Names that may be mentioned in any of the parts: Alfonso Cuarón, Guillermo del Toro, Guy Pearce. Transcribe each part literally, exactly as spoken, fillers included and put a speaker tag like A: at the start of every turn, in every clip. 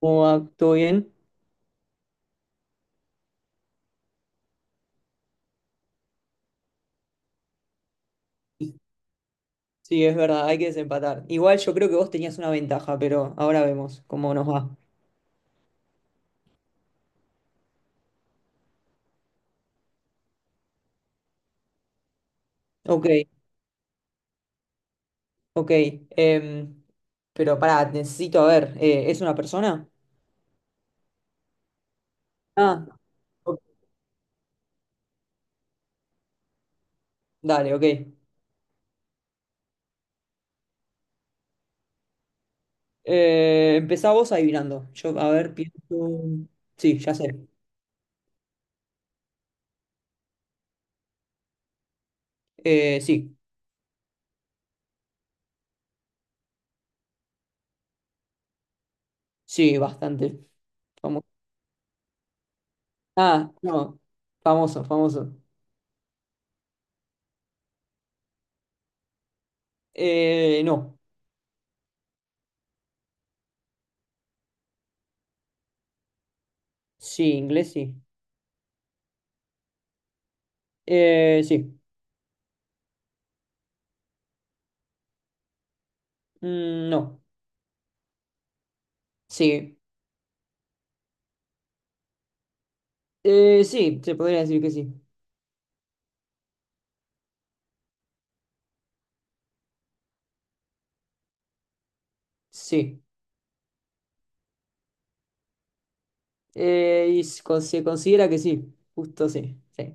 A: ¿Cómo va? ¿Todo bien? Sí, es verdad, hay que desempatar. Igual yo creo que vos tenías una ventaja, pero ahora vemos cómo nos va. Ok, ok. em, pero pará, necesito, a ver, eh, ¿es una persona? Ah, ok, dale, ok. Eh, empezá vos adivinando. Yo, a ver, pienso... Sí, ya sé. Eh, sí, sí, bastante. Famoso. Ah, no. Famoso, famoso. Eh, no. Sí, inglés, sí. Eh, sí. Mm, no. Sí. Eh, sí, se podría decir que sí. Sí. Eh, y s- con- se considera que sí, justo sí, sí.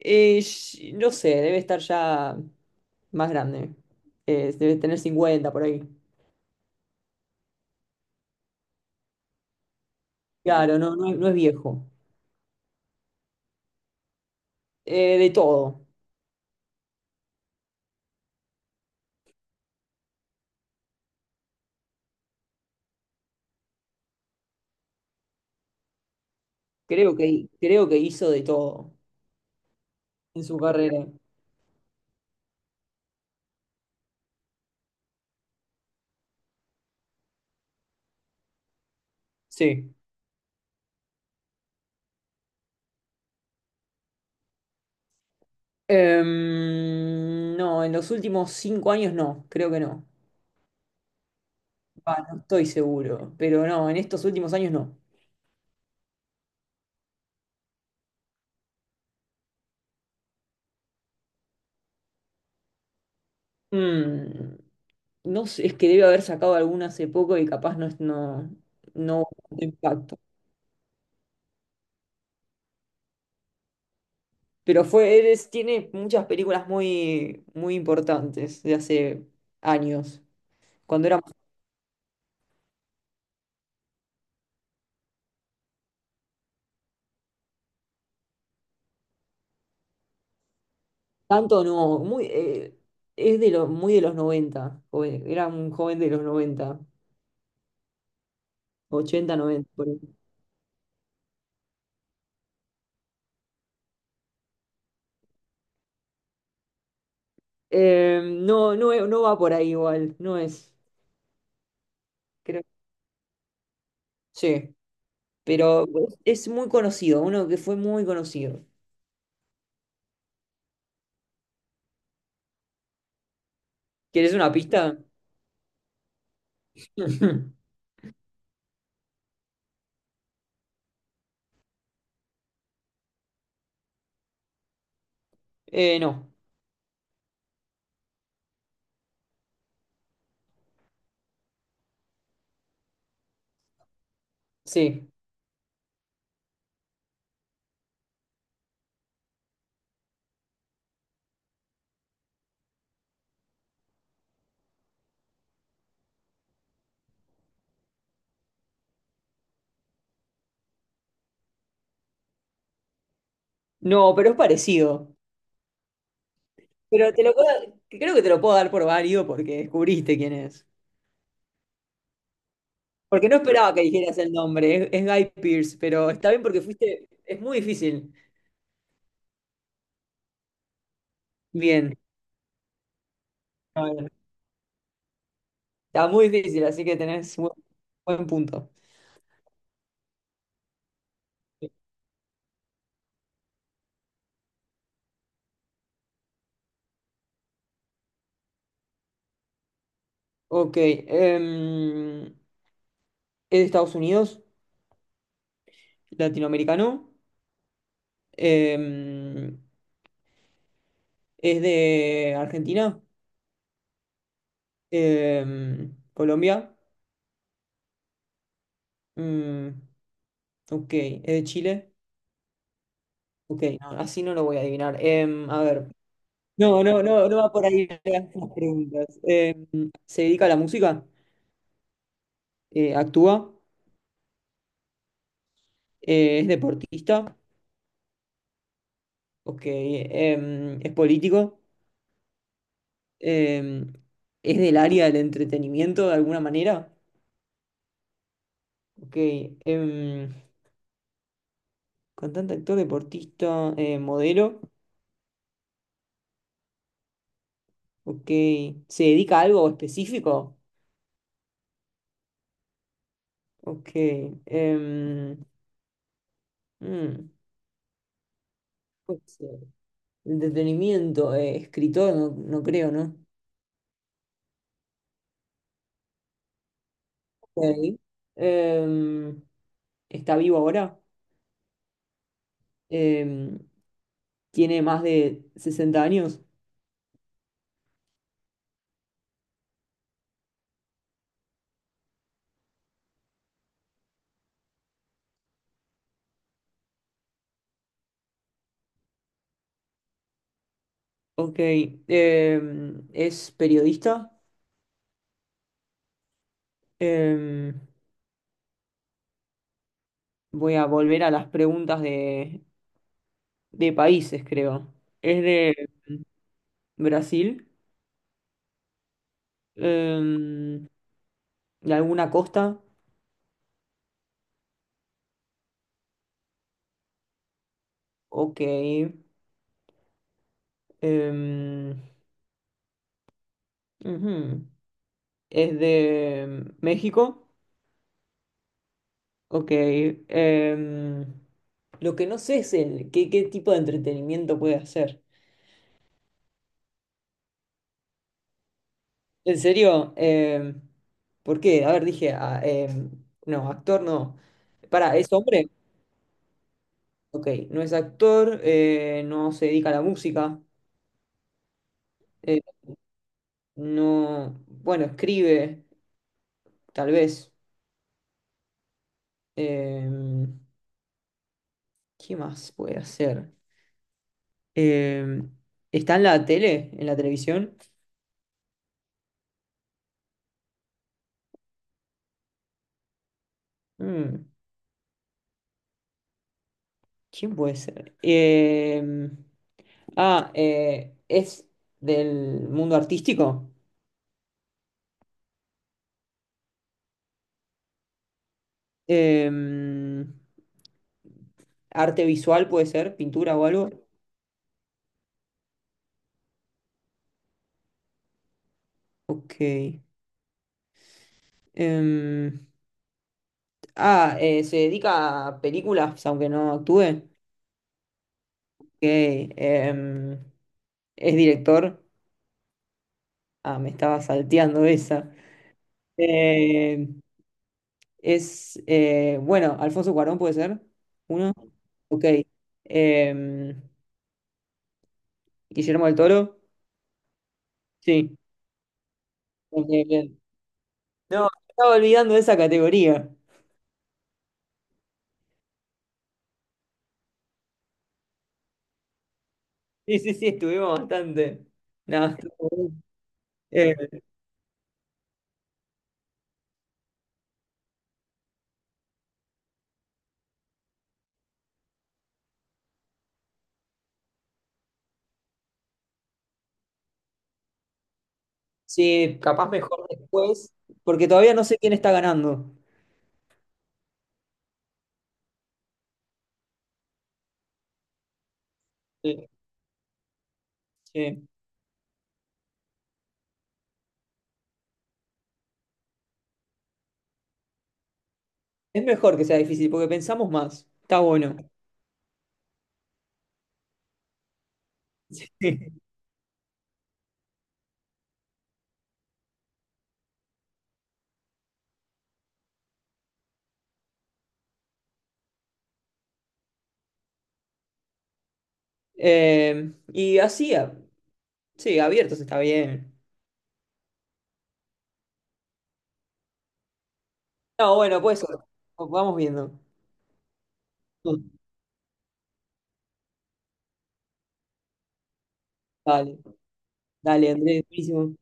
A: Eh, sh- no sé, debe estar ya más grande. Eh, debe tener cincuenta por ahí. Claro, no, no, es no es viejo. Eh, de todo. Creo que, creo que hizo de todo en su carrera. Sí. Em, no, en los últimos cinco años no, creo que no. Va, no estoy seguro, pero no, en estos últimos años no. Mm, no sé, es que debe haber sacado alguna hace poco y capaz no es- no, no hubo impacto. Pero fue, él es- tiene muchas películas muy, muy importantes de hace años. Cuando era tanto, no, muy, eh, es de lo, muy de los noventa, joven- era un joven de los noventa, ochenta, noventa por ahí. Eh, no, no, e- no va por ahí igual, no es, creo. Sí, pero es es muy conocido, uno que fue muy conocido. ¿Quieres una pista? Ujú. Eh, no, sí. No, pero es parecido. Pero te lo puedo, creo que te lo puedo dar por válido porque descubriste quién es. Porque no esperaba que dijeras el nombre, es, es Guy Pearce, pero está bien porque fuiste, es muy difícil. Bien, a ver, está muy difícil, así que tenés buen, buen punto. Ok, em, es de Estados Unidos, latinoamericano, em, es de Argentina, em, Colombia. Mm, ok, ¿es de Chile? Ok, no, así no lo voy a adivinar. Em, a ver, no, no, no, no va por ahí las preguntas. Em, ¿se dedica a la música? Eh, ¿actúa? Eh, ¿es deportista? Ok, em, ¿es político? Em, ¿Es del área del entretenimiento de alguna manera? Ok, em, cantante, actor, deportista, eh, modelo. Ok, ¿se dedica a algo específico? Ok, em, mm, puede ser. Entretenimiento, eh, escritor, no, no creo, ¿no? Ok. Em, Está vivo ahora. Em, Tiene más de sesenta años. Ok. Em, es periodista. Em, Voy a volver a las preguntas de, de países, creo. ¿Es de Brasil? Em, ¿De alguna costa? Ok. Em, Ujú. ¿Es de México? Ok. em, lo que no sé es el, qué, qué tipo de entretenimiento puede hacer. En serio, em, ¿por qué? A ver, dije, ah, em, no, actor no. Para, ¿es hombre? Ok, no es actor, eh, no se dedica a la música, eh, no, bueno, escribe, tal vez. Em, ¿Qué más puede hacer? Em, ¿Está en la tele, en la televisión? Mm. ¿Quién puede ser? Em, ah, eh, es del mundo artístico. Em, Arte visual puede ser, pintura o algo. Ok. Em, ah, eh, Se dedica a películas, aunque no actúe. Ok. Em, es director. Ah, me estaba salteando esa. Eh, es, eh, bueno, Alfonso Cuarón puede ser. Uno. Ok. Em, Guillermo del Toro. Sí. Bien, bien. No, me estaba olvidando de esa categoría. Sí, sí, sí, estuvimos bastante. No, estuvo bien. Eh, sí, capaz mejor después, porque todavía no sé quién está ganando. Sí, sí. Es mejor que sea difícil, porque pensamos más. Está bueno. Sí. Em, y así, a- sí, abiertos está bien. No, bueno, pues vamos viendo. Dale, dale, Andrés, buenísimo.